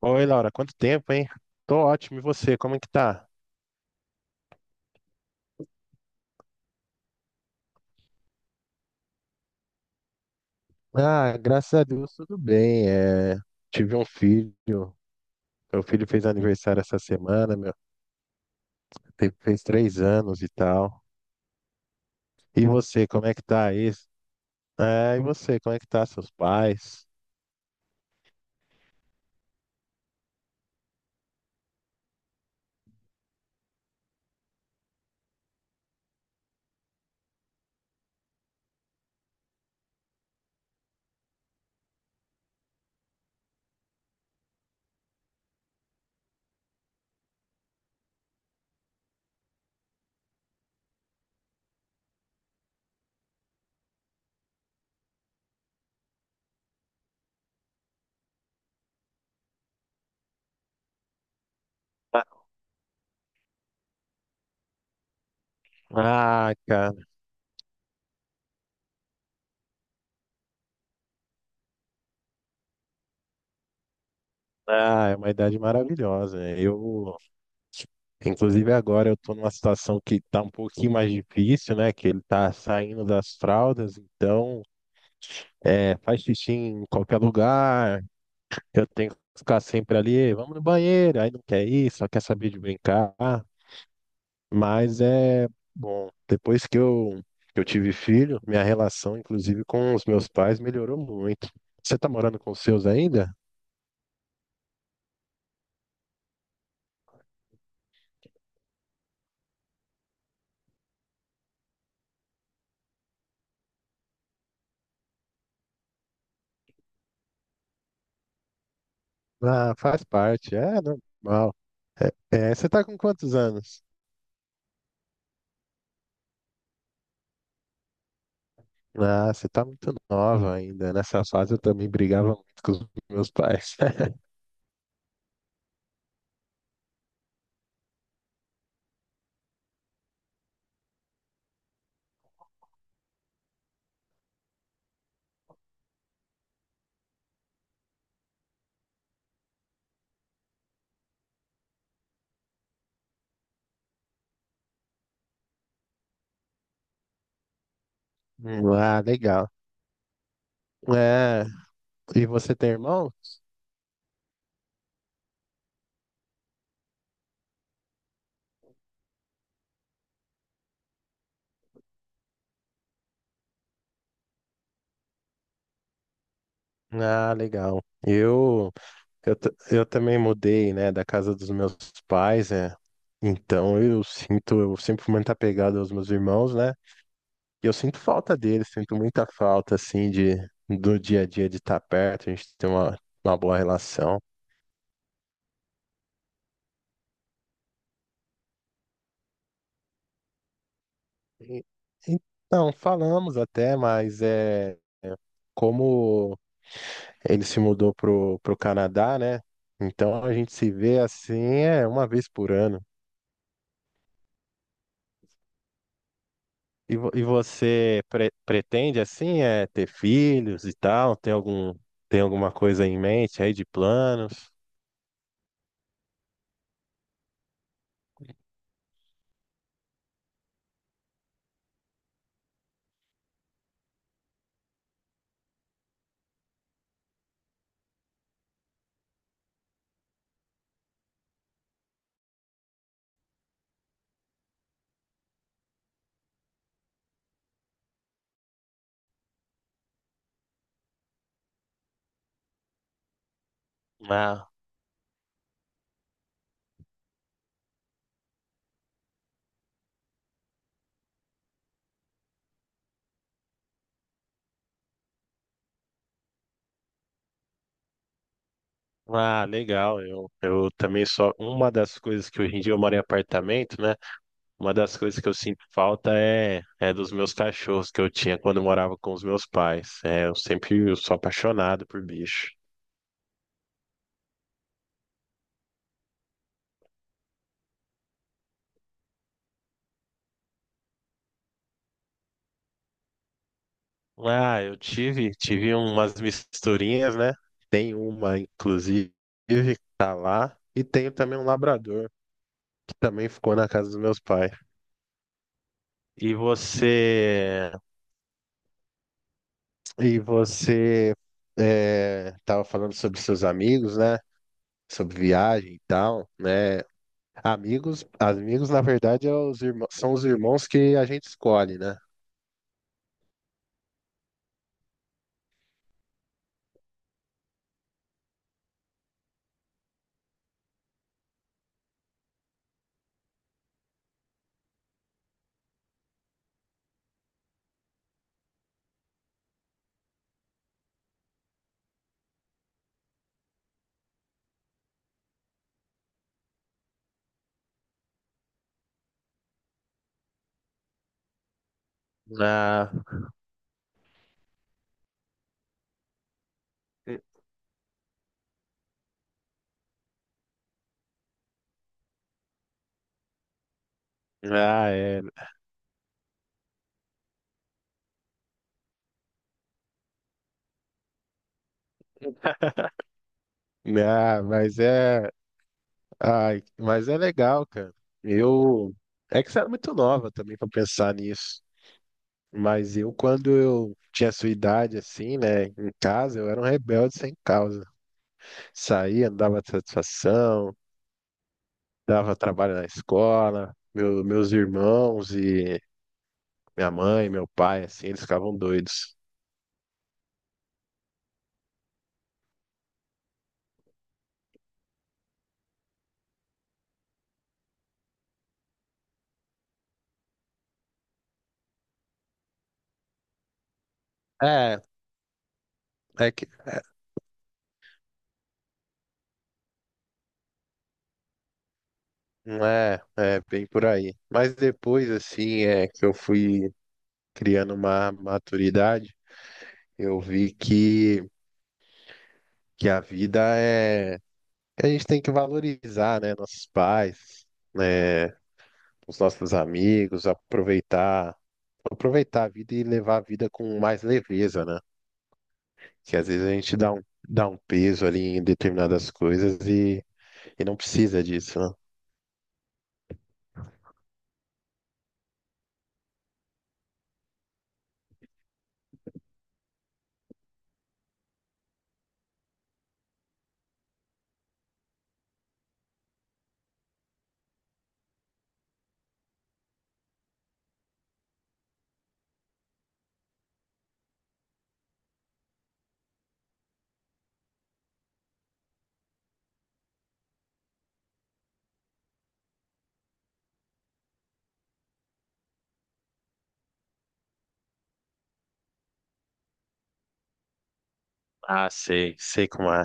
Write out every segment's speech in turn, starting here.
Oi, Laura, quanto tempo, hein? Tô ótimo, e você, como é que tá? Ah, graças a Deus, tudo bem. Tive um filho, meu filho fez aniversário essa semana, fez 3 anos e tal. E você, como é que tá isso? E você, como é que tá, seus pais? Ah, cara, ah, é uma idade maravilhosa, né? Inclusive agora eu tô numa situação que tá um pouquinho mais difícil, né? Que ele tá saindo das fraldas, então faz xixi em qualquer lugar. Eu tenho que ficar sempre ali, "Ei, vamos no banheiro", aí não quer ir, só quer saber de brincar. Mas é bom, depois que eu tive filho, minha relação, inclusive, com os meus pais melhorou muito. Você tá morando com os seus ainda? Ah, faz parte, é normal. Você tá com quantos anos? Ah, você tá muito nova ainda. Nessa fase eu também brigava muito com os meus pais. Ah, legal. É, e você tem irmão? Ah, legal. Eu também mudei, né, da casa dos meus pais, é. Então eu sinto, eu sempre fui muito apegado aos meus irmãos, né? E eu sinto falta deles, sinto muita falta, assim, do dia a dia de estar perto. A gente tem uma boa relação. E- Então, falamos até, mas é como ele se mudou pro Canadá, né? Então a gente se vê assim, é 1 vez por ano. E você pretende assim é ter filhos e tal? Tem alguma coisa em mente aí de planos? Ah, ah, legal. Eu também, só uma das coisas, que hoje em dia eu moro em apartamento, né? Uma das coisas que eu sinto falta é dos meus cachorros que eu tinha quando eu morava com os meus pais. É, eu sempre, eu sou apaixonado por bicho. Ah, eu tive umas misturinhas, né? Tem uma inclusive que tá lá e tenho também um labrador. Também ficou na casa dos meus pais. E você, e você tava falando sobre seus amigos, né? Sobre viagem e tal, né? Amigos, amigos, na verdade, é os irmãos, são os irmãos que a gente escolhe, né? Ah, ah, é. Ah, mas é, ai, mas é legal, cara. Eu, é que você era muito nova também para pensar nisso. Mas eu, quando eu tinha sua idade, assim, né, em casa, eu era um rebelde sem causa. Saía, não dava satisfação, dava trabalho na escola, meu, meus irmãos e minha mãe, meu pai, assim, eles ficavam doidos. É, é que, é, não é, é bem por aí. Mas depois, assim, é que eu fui criando uma maturidade, eu vi que a vida é, que a gente tem que valorizar, né, nossos pais, né, os nossos amigos, aproveitar, aproveitar a vida e levar a vida com mais leveza, né? Que às vezes a gente dá um peso ali em determinadas coisas e não precisa disso, né? Ah, sei, sei como é.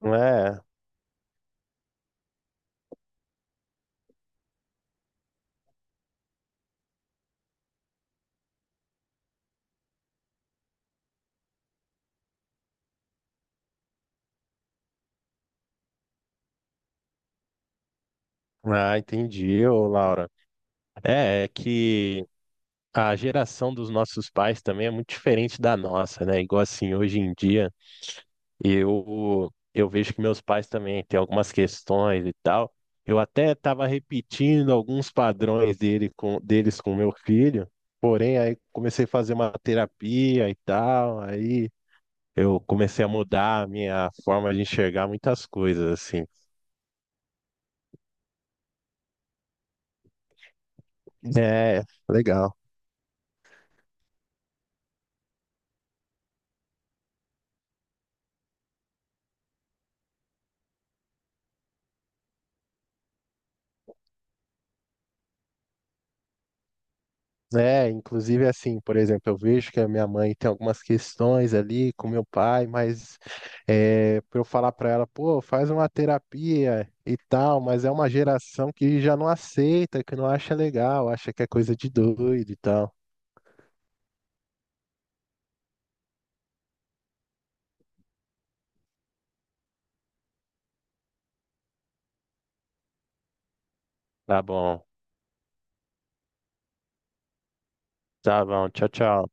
Não é? Ah, entendi, ô Laura. É, é que A geração dos nossos pais também é muito diferente da nossa, né? Igual assim, hoje em dia, eu vejo que meus pais também têm algumas questões e tal. Eu até estava repetindo alguns padrões deles com meu filho, porém aí comecei a fazer uma terapia e tal, aí eu comecei a mudar a minha forma de enxergar muitas coisas, assim. É, legal. É, inclusive assim, por exemplo, eu vejo que a minha mãe tem algumas questões ali com meu pai, mas é, para eu falar para ela, pô, faz uma terapia e tal, mas é uma geração que já não aceita, que não acha legal, acha que é coisa de doido e tal. Tá bom, tá bom, tchau, tchau.